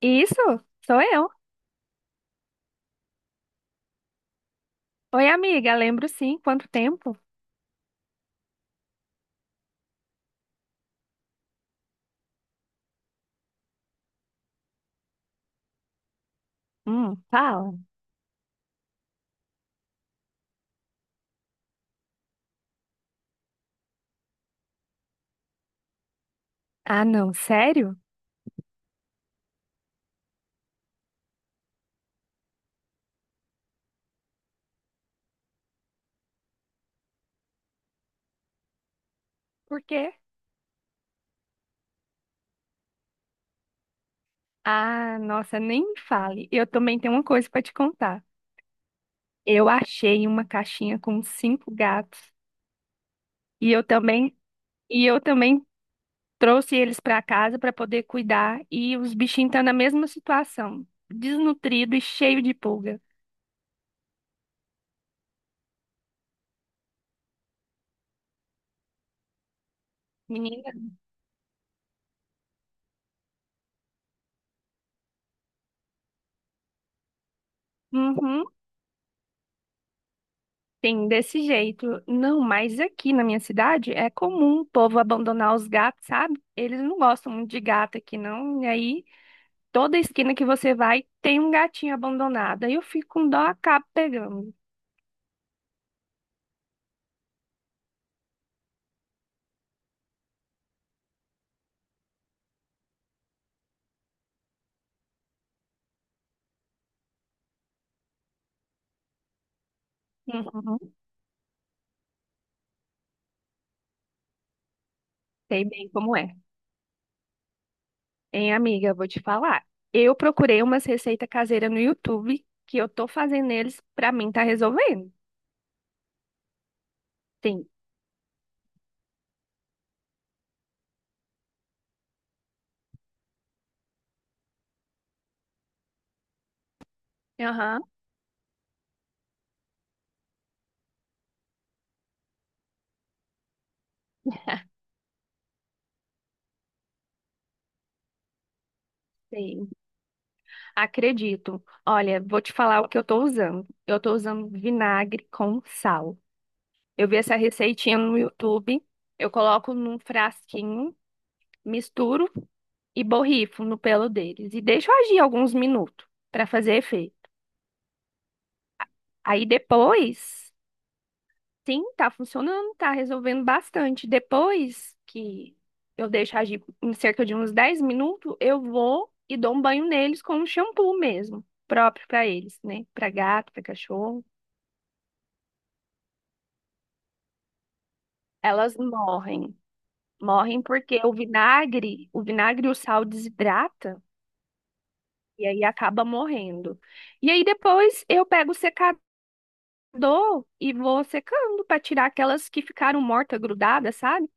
Isso, sou eu. Oi, amiga, lembro sim. Quanto tempo? Fala. Ah, não, sério? Por quê? Ah, nossa, nem me fale. Eu também tenho uma coisa para te contar. Eu achei uma caixinha com cinco gatos e eu também e eu também trouxe eles para casa para poder cuidar e os bichinhos estão na mesma situação, desnutrido e cheio de pulga. Menina, uhum. Sim, desse jeito. Não, mas aqui na minha cidade é comum o povo abandonar os gatos, sabe? Eles não gostam muito de gato aqui, não. E aí, toda esquina que você vai tem um gatinho abandonado. Aí eu fico com dó, acabo pegando. Uhum, sei bem como é. Hein, amiga, vou te falar. Eu procurei umas receitas caseiras no YouTube que eu tô fazendo eles pra mim tá resolvendo. Sim. Aham. Sim, acredito. Olha, vou te falar o que eu tô usando. Eu tô usando vinagre com sal. Eu vi essa receitinha no YouTube. Eu coloco num frasquinho, misturo e borrifo no pelo deles. E deixo agir alguns minutos para fazer efeito. Aí depois, sim, tá funcionando, tá resolvendo bastante. Depois que eu deixo agir em cerca de uns 10 minutos, eu vou e dou um banho neles com um shampoo mesmo, próprio para eles, né? Para gato, para cachorro. Elas morrem. Morrem porque o vinagre e o sal desidrata. E aí acaba morrendo. E aí depois eu pego o secador e vou secando para tirar aquelas que ficaram mortas, grudadas, sabe?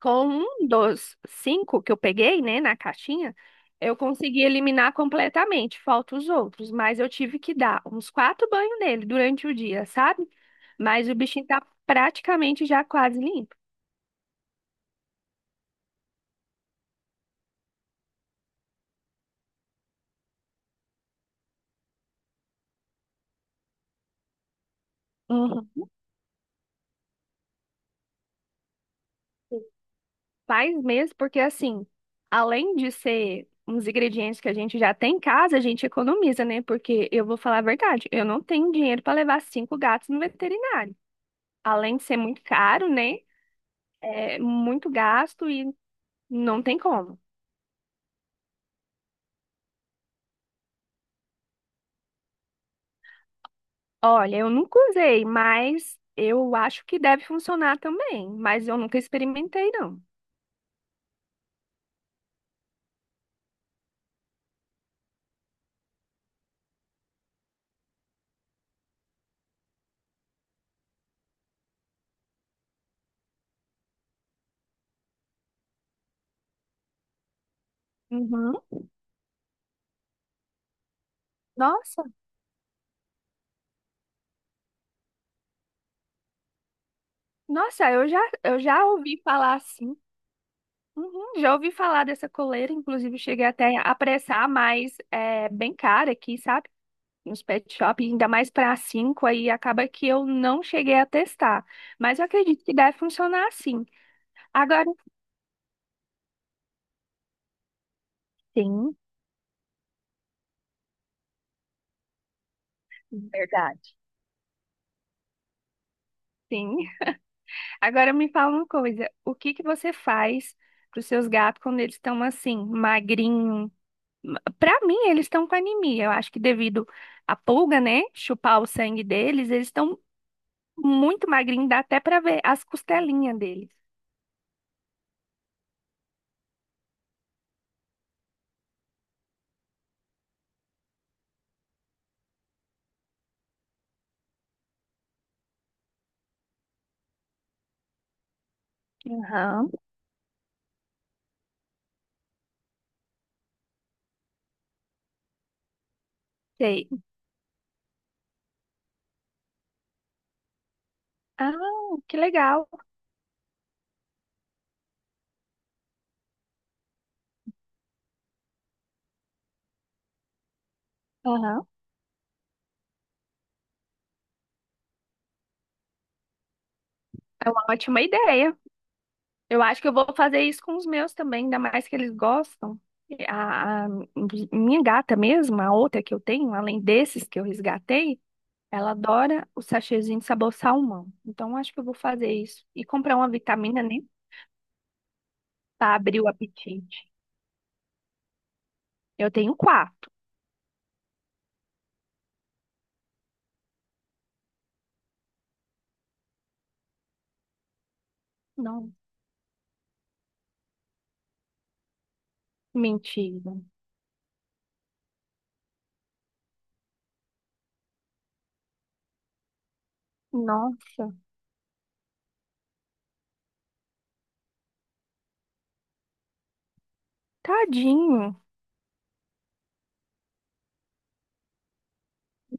Com um dos cinco que eu peguei, né, na caixinha, eu consegui eliminar completamente, falta os outros, mas eu tive que dar uns quatro banhos nele durante o dia, sabe? Mas o bichinho tá praticamente já quase limpo. Uhum. Faz mesmo, porque assim, além de ser uns ingredientes que a gente já tem em casa, a gente economiza, né? Porque eu vou falar a verdade, eu não tenho dinheiro para levar cinco gatos no veterinário. Além de ser muito caro, né? É muito gasto e não tem como. Olha, eu nunca usei, mas eu acho que deve funcionar também. Mas eu nunca experimentei, não. Uhum. Nossa, nossa, eu já ouvi falar assim. Uhum, já ouvi falar dessa coleira, inclusive cheguei até a apressar, mas é bem cara aqui, sabe? Nos pet shop, ainda mais para cinco, aí acaba que eu não cheguei a testar. Mas eu acredito que deve funcionar assim. Agora, Sim, verdade. Sim. Agora me fala uma coisa: o que que você faz para os seus gatos quando eles estão assim, magrinho? Para mim, eles estão com anemia. Eu acho que devido à pulga, né? Chupar o sangue deles, eles estão muito magrinho, dá até pra ver as costelinhas dele. Aham, sei. Ah, que legal. Aham. É uma ótima ideia. Eu acho que eu vou fazer isso com os meus também, ainda mais que eles gostam. A minha gata mesmo, a outra que eu tenho, além desses que eu resgatei, ela adora o sachêzinho de sabor salmão. Então, acho que eu vou fazer isso. E comprar uma vitamina, né? Para abrir o apetite. Eu tenho quatro. Não, mentira. Nossa, tadinho.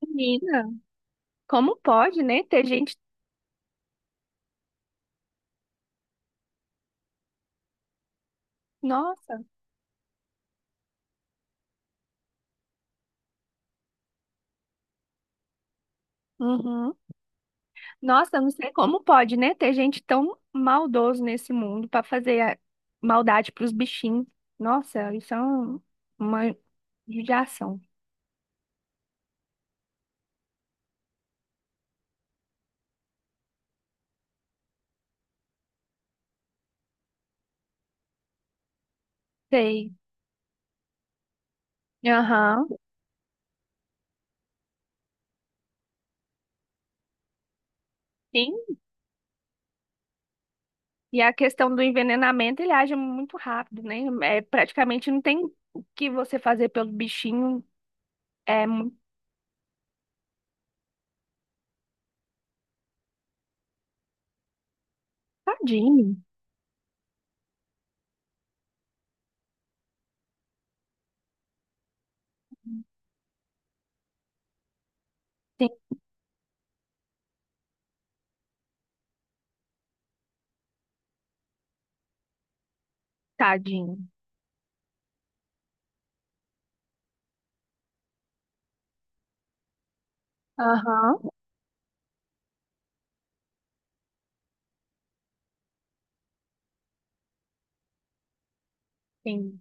Menina. Como pode, né, ter gente. Nossa, uhum. Nossa, eu não sei como pode, né, ter gente tão maldoso nesse mundo para fazer maldade para os bichinhos. Nossa, isso é uma judiação. Sei. Aham. Sim. E a questão do envenenamento, ele age muito rápido, né? É, praticamente não tem o que você fazer pelo bichinho. É muito tadinho. Sim, tadinho. Aham. Sim,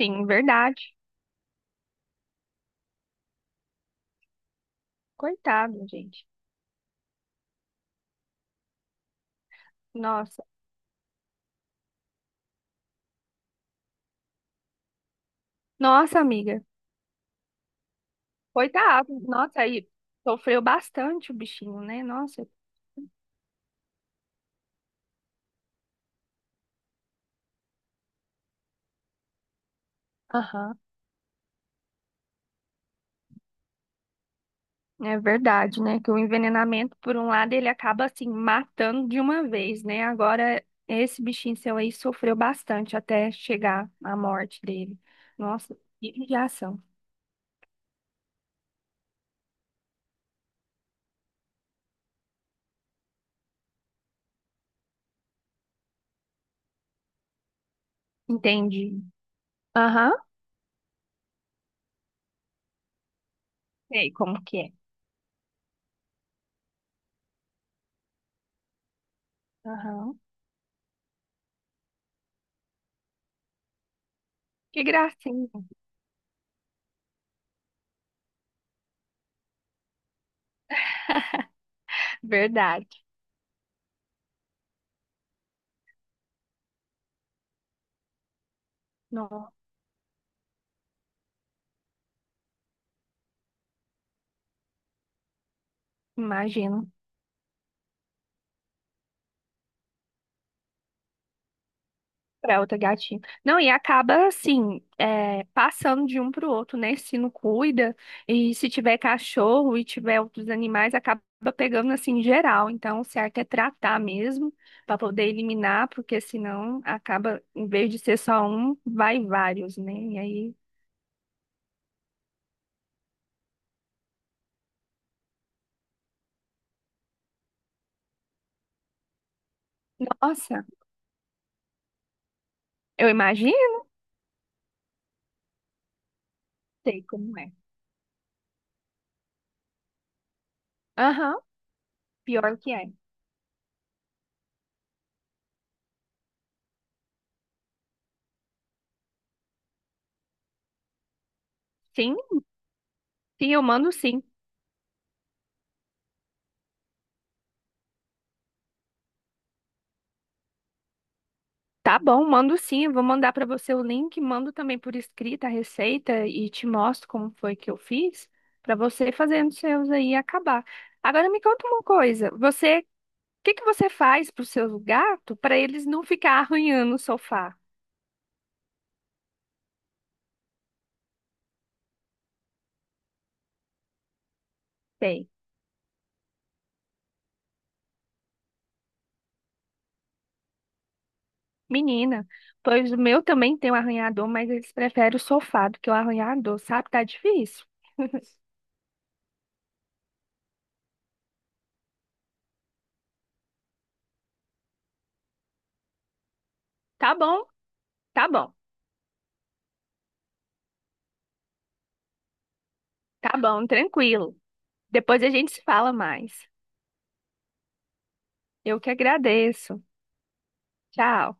sim, verdade. Coitado, gente. Nossa, nossa, amiga. Coitado, nossa, aí sofreu bastante o bichinho, né? Nossa, aham. É verdade, né? Que o envenenamento, por um lado, ele acaba assim matando de uma vez, né? Agora, esse bichinho seu aí sofreu bastante até chegar à morte dele. Nossa, que judiação. Entendi. Aham. Sei como que é. Aham. Que gracinha. Verdade. Não, imagino. Pra outra gatinha. Não, e acaba assim, é, passando de um pro outro, né? Se não cuida, e se tiver cachorro e tiver outros animais, acaba pegando assim geral. Então, o certo é tratar mesmo, pra poder eliminar, porque senão acaba, em vez de ser só um, vai vários, né? E aí, nossa, eu imagino, sei como é. Aham, pior que é. Sim, sim, eu mando sim. Tá bom, mando sim. Eu vou mandar para você o link, mando também por escrita a receita e te mostro como foi que eu fiz para você fazendo os seus aí e acabar. Agora me conta uma coisa, o que que você faz para os seus gatos para eles não ficar arranhando o sofá? Sei. Menina, pois o meu também tem um arranhador, mas eles preferem o sofá do que o arranhador, sabe? Tá difícil. Tá bom, tá bom, tá bom, tranquilo. Depois a gente se fala mais. Eu que agradeço. Tchau.